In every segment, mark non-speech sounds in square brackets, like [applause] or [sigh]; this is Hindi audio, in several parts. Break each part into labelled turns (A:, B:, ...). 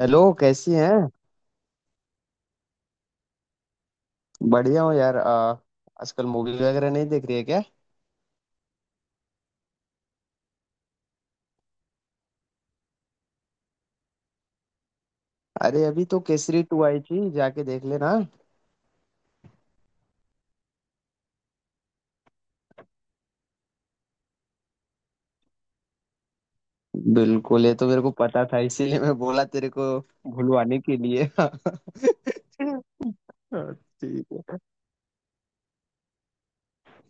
A: हेलो, कैसी हैं? बढ़िया हूँ यार। आजकल मूवी वगैरह नहीं देख रही है क्या? अरे, अभी तो केसरी टू आई थी, जाके देख लेना। बिल्कुल, ये तो मेरे को पता था, इसीलिए मैं बोला तेरे को भुलवाने के लिए। [laughs] हाँ। ठीक है,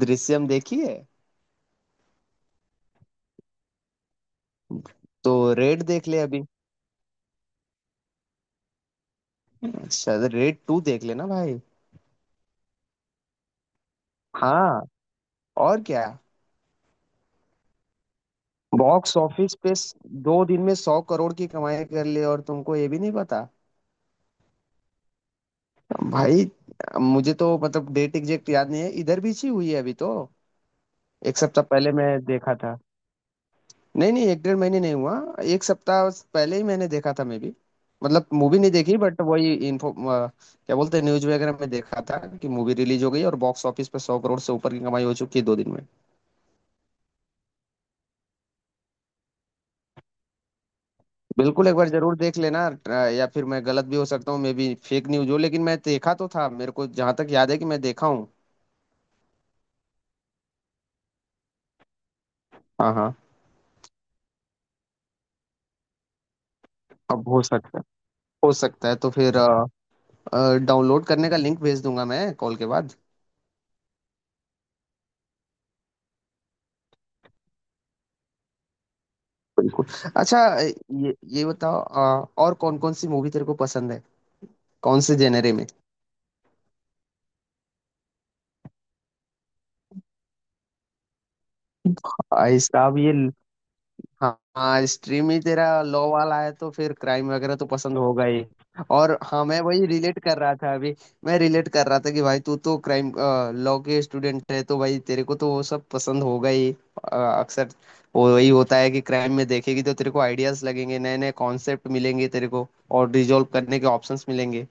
A: दृश्यम देखी है? तो रेड देख ले अभी। अच्छा, रेड टू देख लेना भाई। हाँ। और क्या। बॉक्स ऑफिस पे 2 दिन में 100 करोड़ की कमाई कर ली और तुमको ये भी नहीं पता। भाई, मुझे तो मतलब डेट एग्जैक्ट याद नहीं है, इधर भी इसी हुई है अभी तो। एक सप्ताह पहले मैं देखा था। नहीं, नहीं, एक डेढ़ महीने नहीं हुआ। एक सप्ताह पहले ही मैंने देखा था, मैं भी। मतलब मूवी नहीं देखी, बट वही इन्फो, क्या बोलते हैं, न्यूज वगैरह में देखा था कि मूवी रिलीज हो गई और बॉक्स ऑफिस पे 100 करोड़ से ऊपर की कमाई हो चुकी है 2 दिन में। बिल्कुल एक बार जरूर देख लेना। या फिर मैं गलत भी हो सकता हूँ, मे बी फेक न्यूज हो, लेकिन मैं देखा तो था, मेरे को जहां तक याद है कि मैं देखा हूँ। हाँ, हाँ। अब हो सकता है। हो सकता है, तो फिर डाउनलोड करने का लिंक भेज दूंगा मैं कॉल के बाद। बिल्कुल। अच्छा, ये बताओ, और कौन कौन सी मूवी तेरे को पसंद है? कौन से जेनरे में? आ, इस- अब ये हाँ, हाँ, स्ट्रीम ही तेरा लॉ वाला है, तो फिर क्राइम वगैरह तो पसंद होगा ही। और हाँ, मैं वही रिलेट कर रहा था अभी। मैं रिलेट कर रहा था कि भाई, तू तो क्राइम लॉ के स्टूडेंट है, तो भाई तेरे को तो वो सब पसंद होगा ही। अक्सर वो वही होता है कि क्राइम में देखेगी तो तेरे को आइडियाज लगेंगे, नए नए कॉन्सेप्ट मिलेंगे तेरे को और रिजॉल्व करने के ऑप्शंस मिलेंगे।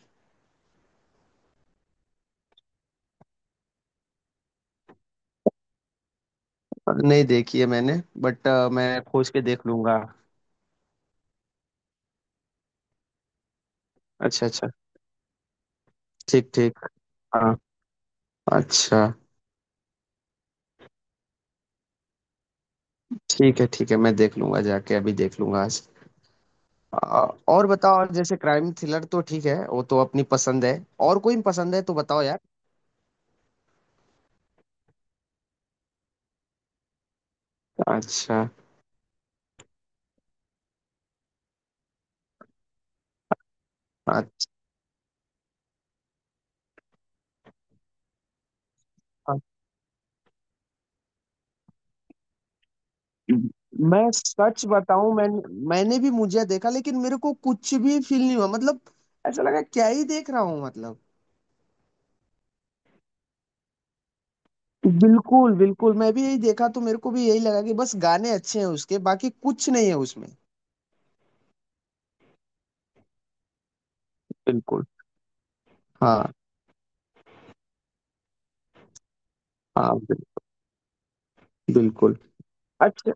A: नहीं देखी है मैंने। बट मैं खोज के देख लूंगा। अच्छा, अच्छा। ठीक, ठीक। हाँ। अच्छा, ठीक है, ठीक है, मैं देख लूंगा, जाके अभी देख लूंगा आज। अ, और बताओ, और जैसे क्राइम थ्रिलर तो ठीक है, वो तो अपनी पसंद है। और कोई पसंद है तो बताओ यार। अच्छा। अच्छा, मैं सच बताऊं? मैंने भी मुझे देखा, लेकिन मेरे को कुछ भी फील नहीं हुआ मतलब। ऐसा लगा क्या ही देख रहा हूँ मतलब। बिल्कुल, बिल्कुल, मैं भी यही देखा तो मेरे को भी यही लगा कि बस गाने अच्छे हैं उसके, बाकी कुछ नहीं है उसमें। बिल्कुल। हाँ। हाँ, बिल्कुल। अच्छा।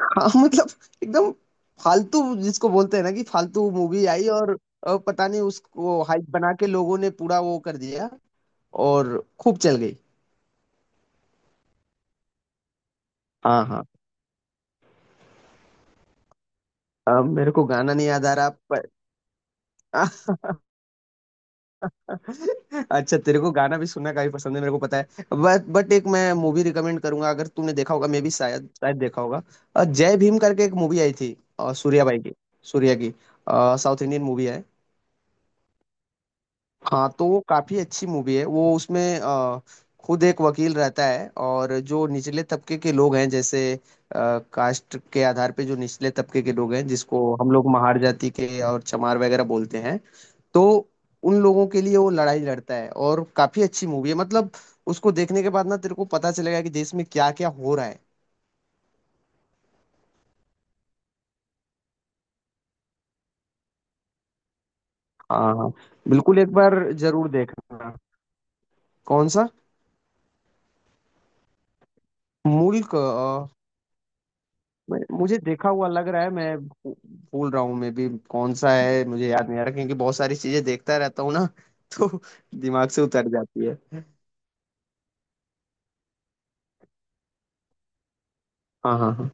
A: हाँ। [laughs] मतलब एकदम फालतू, जिसको बोलते हैं ना, कि फालतू मूवी आई और, पता नहीं उसको हाइप बना के लोगों ने पूरा वो कर दिया। और खूब चल गई। हाँ, हाँ। अब मेरे को गाना नहीं याद आ रहा पर। [laughs] अच्छा, तेरे को गाना भी सुनना काफी पसंद है, मेरे को पता है। बट एक मैं मूवी रिकमेंड करूंगा, अगर तूने देखा होगा मे भी, शायद शायद देखा होगा। जय भीम करके एक मूवी आई थी, सूर्या भाई की। सूर्या की। साउथ इंडियन मूवी है। हाँ, तो वो काफी अच्छी मूवी है। वो उसमें खुद एक वकील रहता है और जो निचले तबके के लोग हैं, जैसे कास्ट के आधार पे जो निचले तबके के लोग हैं, जिसको हम लोग महार जाति के और चमार वगैरह बोलते हैं, तो उन लोगों के लिए वो लड़ाई लड़ता है और काफी अच्छी मूवी है मतलब। उसको देखने के बाद ना तेरे को पता चलेगा कि देश में क्या क्या हो रहा है। हाँ, हाँ। बिल्कुल एक बार जरूर देखना। कौन सा? मुल्क? मुझे देखा हुआ लग रहा है, मैं भूल रहा हूँ, मैं भी कौन सा है, मुझे याद नहीं आ रहा, क्योंकि बहुत सारी चीजें देखता रहता हूँ ना। [laughs] तो दिमाग से उतर जाती है। हाँ, हाँ,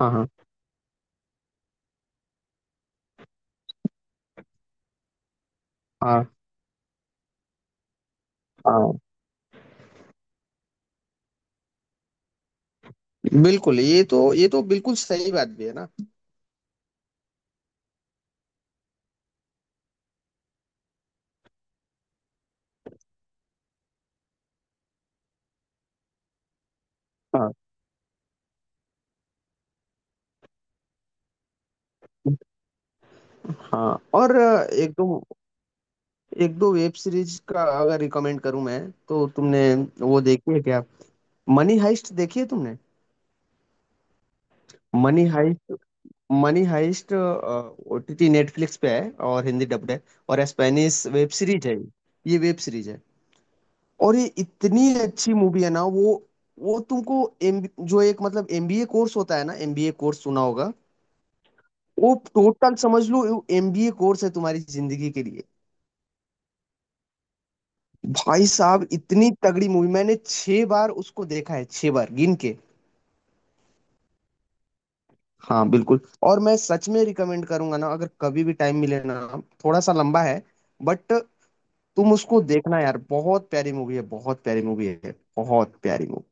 A: हाँ, हाँ, हाँ, हाँ, हाँ। बिल्कुल, ये तो, ये तो बिल्कुल सही बात भी है ना। हाँ, हाँ। और एक दो वेब सीरीज का अगर रिकमेंड करूँ मैं, तो तुमने वो देखी है क्या? मनी हाइस्ट देखी है तुमने? Money heist. Money heist OTT Netflix पे है और हिंदी डब्ड है। और स्पेनिश वेब सीरीज है ये। ये वेब सीरीज है। और ये इतनी अच्छी मूवी है ना, वो तुमको एम जो एक मतलब एमबीए कोर्स होता है ना, एमबीए कोर्स सुना होगा। वो टोटल समझ लो एमबीए कोर्स है तुम्हारी जिंदगी के लिए। भाई साहब, इतनी तगड़ी मूवी मैंने 6 बार उसको देखा है, 6 बार गिन के। हाँ, बिल्कुल। और मैं सच में रिकमेंड करूंगा ना, अगर कभी भी टाइम मिले ना। थोड़ा सा लंबा है, बट तुम उसको देखना यार, बहुत प्यारी मूवी है, बहुत प्यारी मूवी है, बहुत प्यारी movie.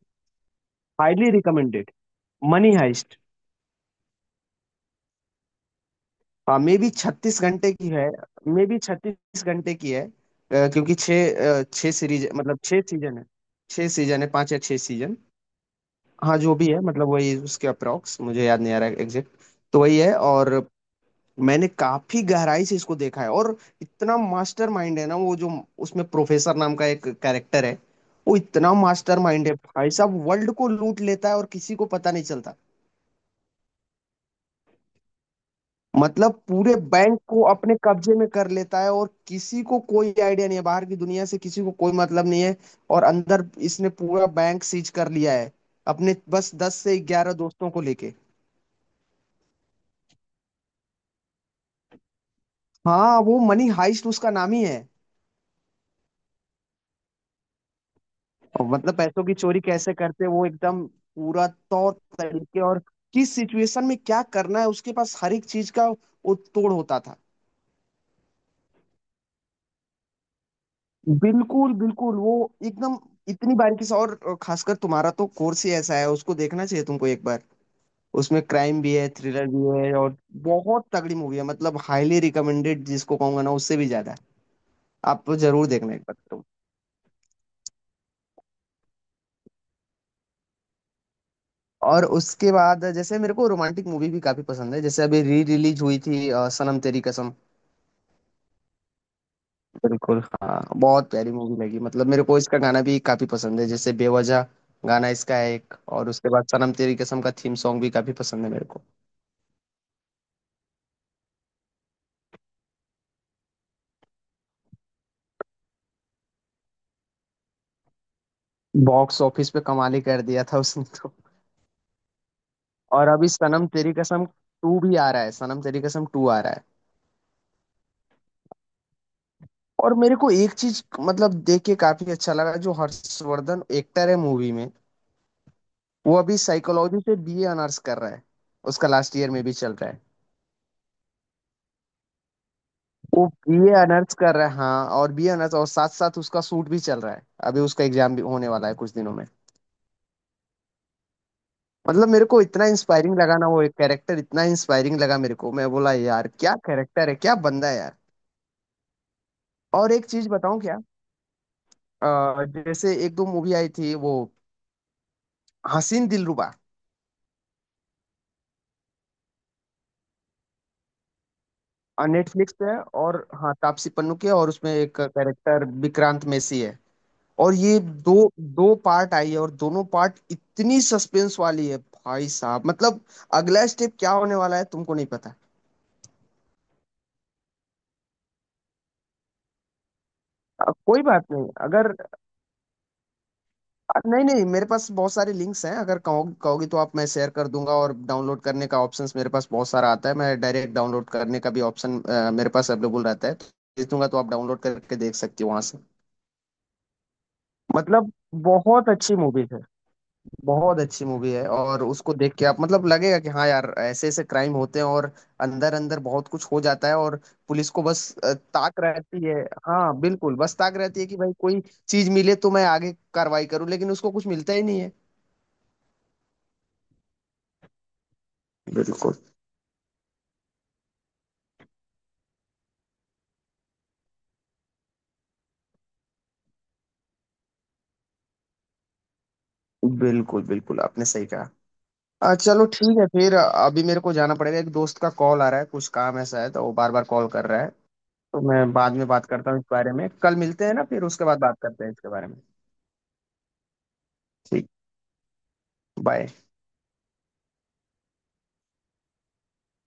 A: Highly recommended, money heist. हाँ, मे बी 36 घंटे की है, मे बी 36 घंटे की है। क्योंकि छः, छः सीरीज मतलब 6 सीजन है, छः सीजन है, 5 या 6 सीजन। हाँ, जो भी है, मतलब वही उसके अप्रॉक्स, मुझे याद नहीं आ रहा एग्जैक्ट। तो वही है। और मैंने काफी गहराई से इसको देखा है, और इतना मास्टर माइंड है ना वो, जो उसमें प्रोफेसर नाम का एक कैरेक्टर है, वो इतना मास्टर माइंड है, भाई साहब, वर्ल्ड को लूट लेता है और किसी को पता नहीं चलता। मतलब पूरे बैंक को अपने कब्जे में कर लेता है और किसी को कोई आइडिया नहीं है, बाहर की दुनिया से किसी को कोई मतलब नहीं है और अंदर इसने पूरा बैंक सीज कर लिया है, अपने बस 10 से 11 दोस्तों को लेके। हाँ, वो मनी हाइस्ट उसका नाम ही है। और मतलब पैसों की चोरी कैसे करते हैं वो एकदम पूरा तौर तरीके, और किस सिचुएशन में क्या करना है, उसके पास हर एक चीज का वो तोड़ होता था। बिल्कुल, बिल्कुल, वो एकदम इतनी बारीकी से, और खासकर तुम्हारा तो कोर्स ही ऐसा है, उसको देखना चाहिए तुमको एक बार। उसमें क्राइम भी है, थ्रिलर भी है, और बहुत तगड़ी मूवी है, मतलब हाईली रिकमेंडेड जिसको कहूंगा ना, उससे भी ज्यादा। आप तो जरूर देखना एक बार तुम। और उसके बाद, जैसे मेरे को रोमांटिक मूवी भी काफी पसंद है, जैसे अभी री रिलीज हुई थी, सनम तेरी कसम। बिल्कुल, हाँ, बहुत प्यारी मूवी लगी, मतलब मेरे को इसका गाना भी काफी पसंद है, जैसे बेवजह गाना इसका है एक, और उसके बाद सनम तेरी कसम का थीम सॉन्ग भी काफी पसंद है मेरे को। बॉक्स ऑफिस पे कमाल ही कर दिया था उसने तो। और अभी सनम तेरी कसम टू भी आ रहा है, सनम तेरी कसम टू आ रहा है। और मेरे को एक चीज मतलब देख के काफी अच्छा लगा, जो हर्षवर्धन एक्टर है मूवी में, वो अभी साइकोलॉजी से बीए ऑनर्स कर रहा है, उसका लास्ट ईयर में भी चल रहा है। वो बीए ऑनर्स कर रहा है। हाँ, और बीए ऑनर्स और साथ साथ उसका सूट भी चल रहा है। अभी उसका एग्जाम भी होने वाला है कुछ दिनों में। मतलब मेरे को इतना इंस्पायरिंग लगा ना वो एक कैरेक्टर, इतना इंस्पायरिंग लगा मेरे को, मैं बोला यार क्या कैरेक्टर है, क्या बंदा है यार। और एक चीज बताऊं क्या? जैसे एक दो मूवी आई थी, वो हसीन दिलरुबा, नेटफ्लिक्स पे है, और हाँ, तापसी पन्नू की है और उसमें एक कैरेक्टर विक्रांत मैसी है। और ये दो दो पार्ट आई है, और दोनों पार्ट इतनी सस्पेंस वाली है भाई साहब, मतलब अगला स्टेप क्या होने वाला है तुमको नहीं पता। कोई बात नहीं, अगर, नहीं, नहीं, मेरे पास बहुत सारे लिंक्स हैं, अगर कहो, कहोगी तो आप, मैं शेयर कर दूंगा, और डाउनलोड करने का ऑप्शंस मेरे पास बहुत सारा आता है, मैं डायरेक्ट डाउनलोड करने का भी ऑप्शन मेरे पास अवेलेबल रहता है, तो भेज दूंगा तो आप डाउनलोड करके देख सकती हो वहां से। मतलब बहुत अच्छी मूवी है, बहुत अच्छी मूवी है, और उसको देख के आप मतलब लगेगा कि हाँ यार, ऐसे ऐसे क्राइम होते हैं, और अंदर अंदर बहुत कुछ हो जाता है, और पुलिस को बस ताक रहती है। हाँ, बिल्कुल, बस ताक रहती है कि भाई कोई चीज मिले तो मैं आगे कार्रवाई करूँ, लेकिन उसको कुछ मिलता ही नहीं है। बिल्कुल, बिल्कुल, बिल्कुल आपने सही कहा। चलो ठीक है, फिर अभी मेरे को जाना पड़ेगा, एक दोस्त का कॉल आ रहा है, कुछ काम ऐसा है, तो वो बार बार कॉल कर रहा है, तो मैं बाद में बात करता हूँ इस बारे में, कल मिलते हैं ना फिर उसके बाद बात करते हैं इसके बारे में। ठीक। बाय।